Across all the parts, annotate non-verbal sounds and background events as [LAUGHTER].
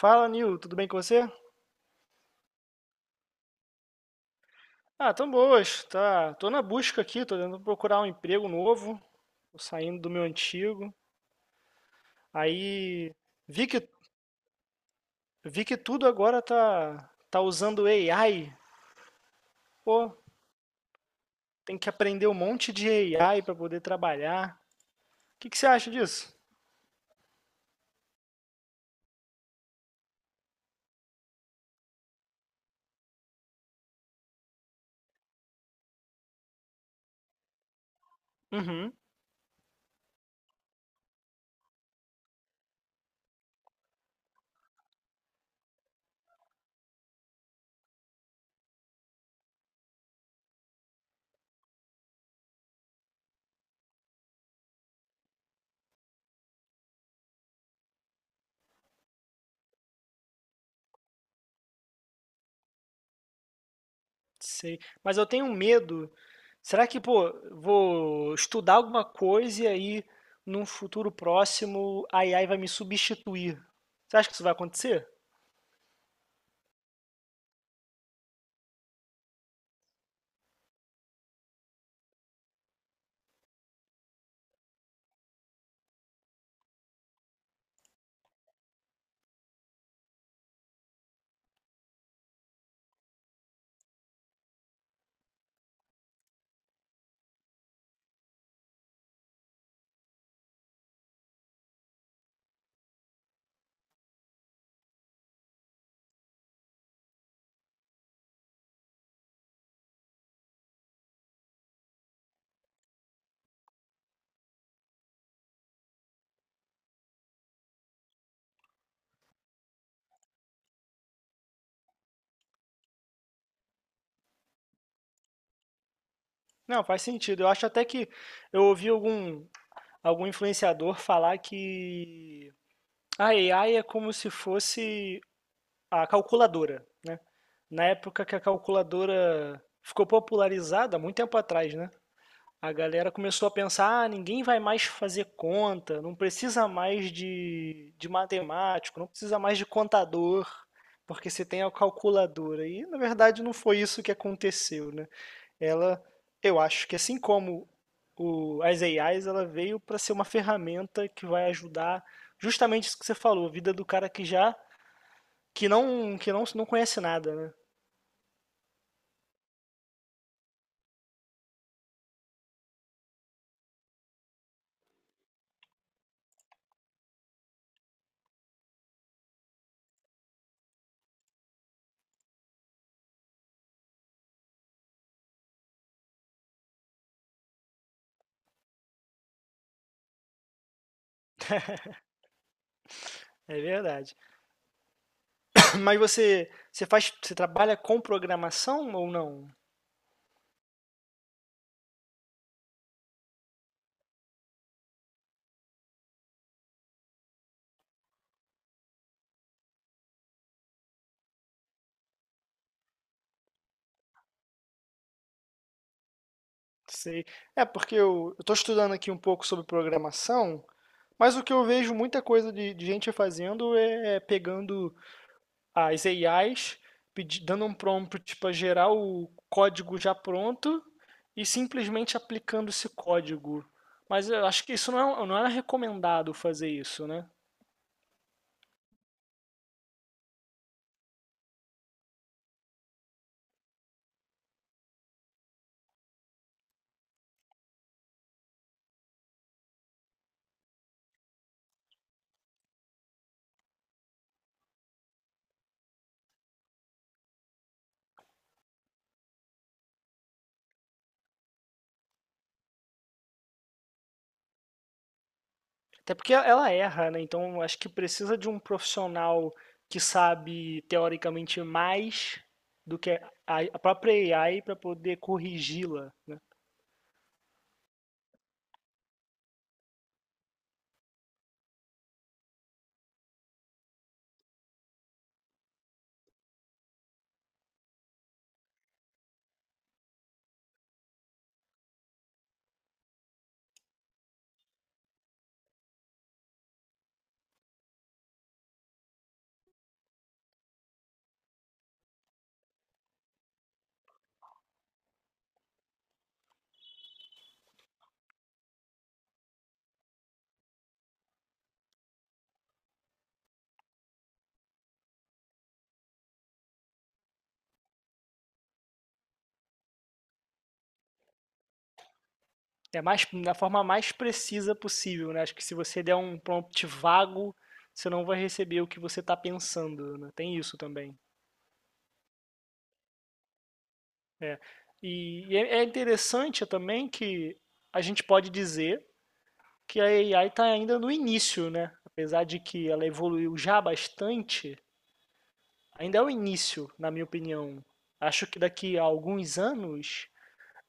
Fala, Nil, tudo bem com você? Ah, tão boas, tá. Tô na busca aqui, tô tentando procurar um emprego novo, tô saindo do meu antigo. Aí vi que vi que tudo agora tá usando AI. Pô, tem que aprender um monte de AI para poder trabalhar. O que que você acha disso? Uhum, sei. Mas eu tenho um medo. Será que, pô, vou estudar alguma coisa e aí num futuro próximo a AI vai me substituir? Você acha que isso vai acontecer? Não, faz sentido. Eu acho até que eu ouvi algum influenciador falar que a AI é como se fosse a calculadora, né? Na época que a calculadora ficou popularizada, muito tempo atrás, né? A galera começou a pensar, ah, ninguém vai mais fazer conta, não precisa mais de matemático, não precisa mais de contador, porque você tem a calculadora. E na verdade não foi isso que aconteceu, né? Ela, eu acho que assim como o, as AIs, ela veio para ser uma ferramenta que vai ajudar justamente isso que você falou, a vida do cara que já que não conhece nada, né? É verdade. [CLEARS THROAT] [COUGHS] Mas você faz você trabalha com programação ou não? Sei. É porque eu estou estudando aqui um pouco sobre programação, mas o que eu vejo muita coisa de gente fazendo é pegando as AIs pedi- dando um prompt para gerar o código já pronto e simplesmente aplicando esse código. Mas eu acho que isso não é, um, não é recomendado fazer isso, né? Até porque ela erra, né? Então eu acho que precisa de um profissional que sabe teoricamente mais do que a própria AI para poder corrigi-la. É mais da forma mais precisa possível, né? Acho que se você der um prompt vago, você não vai receber o que você está pensando, né? Tem isso também. É. E é interessante também que a gente pode dizer que a AI está ainda no início, né? Apesar de que ela evoluiu já bastante, ainda é o início, na minha opinião. Acho que daqui a alguns anos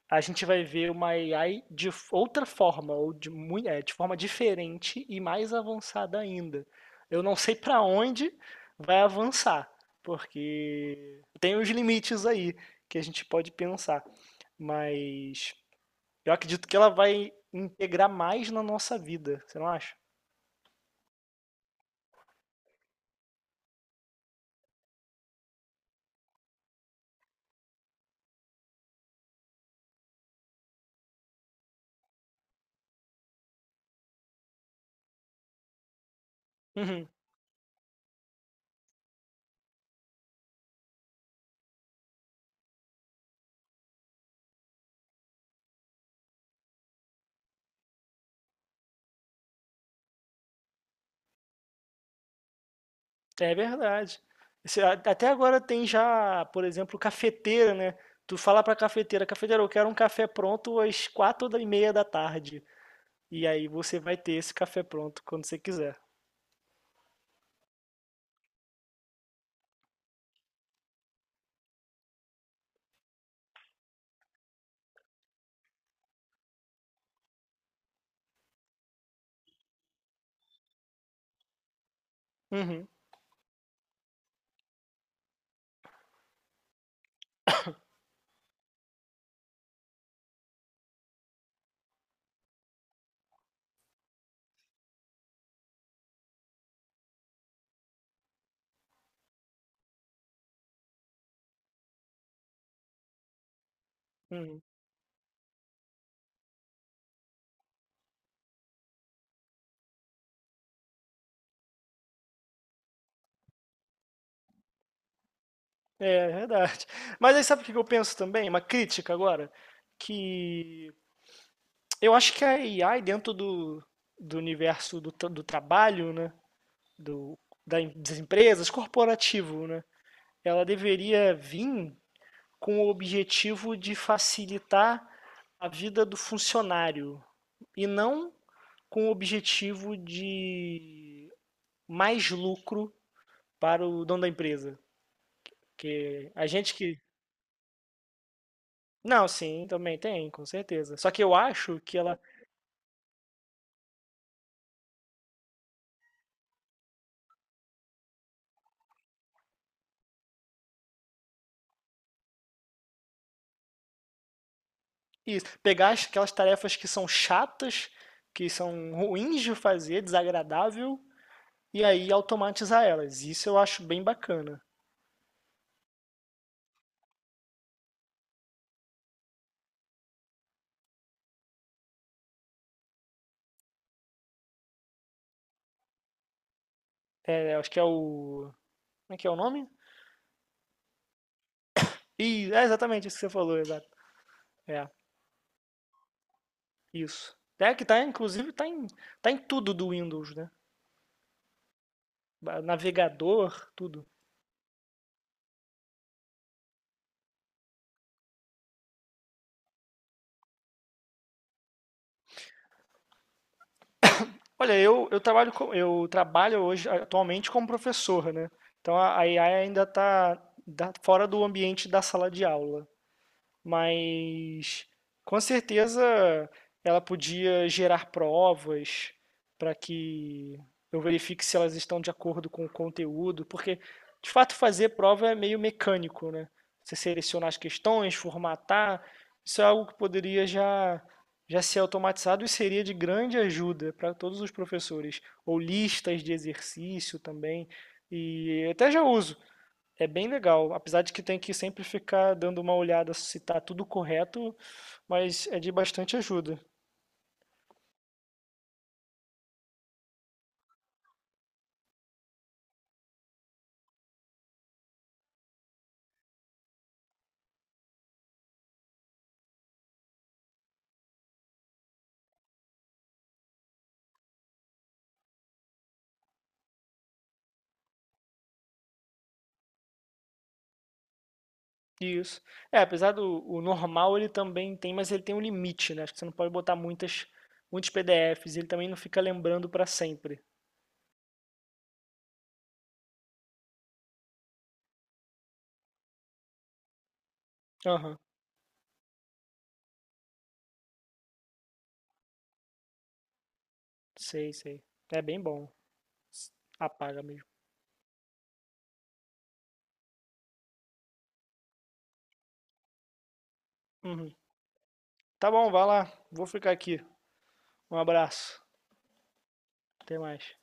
a gente vai ver uma AI de outra forma, ou de forma diferente e mais avançada ainda. Eu não sei para onde vai avançar, porque tem os limites aí que a gente pode pensar, mas eu acredito que ela vai integrar mais na nossa vida, você não acha? Uhum, é verdade. Esse- a- Até agora tem já, por exemplo, cafeteira, né? Tu fala pra cafeteira, cafeteira, eu quero um café pronto às quatro e meia da tarde. E aí você vai ter esse café pronto quando você quiser. Uhum, uhum. É, é verdade. [LAUGHS] Mas aí sabe o que que eu penso também? Uma crítica agora? Que eu acho que a AI dentro do, do universo do, tra- do trabalho, né? Do, da em- das empresas, corporativo, né? Ela deveria vir com o objetivo de facilitar a vida do funcionário e não com o objetivo de mais lucro para o dono da empresa. Que a gente que. Não, sim, também tem, com certeza. Só que eu acho que ela. Isso, pegar as- aquelas tarefas que são chatas, que são ruins de fazer, desagradável, e aí automatizar elas. Isso eu acho bem bacana. É, acho que é o. Como é que é o nome? E é exatamente isso que você falou, exato. É, isso. É que tá, inclusive, tá em tudo do Windows, né? Ba- Navegador, tudo. Olha, eu trabalho com, eu trabalho hoje atualmente como professor, né? Então a AI ainda está fora do ambiente da sala de aula, mas com certeza ela podia gerar provas para que eu verifique se elas estão de acordo com o conteúdo, porque de fato fazer prova é meio mecânico, né? Você selecionar as questões, formatar, isso é algo que poderia já ser automatizado e seria de grande ajuda para todos os professores, ou listas de exercício também. E até já uso. É bem legal, apesar de que tem que sempre ficar dando uma olhada se tá tudo correto, mas é de bastante ajuda. Isso. É, apesar do o normal ele também tem, mas ele tem um limite, né? Acho que você não pode botar muitas, muitos PDFs, ele também não fica lembrando para sempre. Aham, sei, sei. É bem bom. Apaga mesmo. Uhum. Tá bom, vai lá. Vou ficar aqui. Um abraço. Até mais.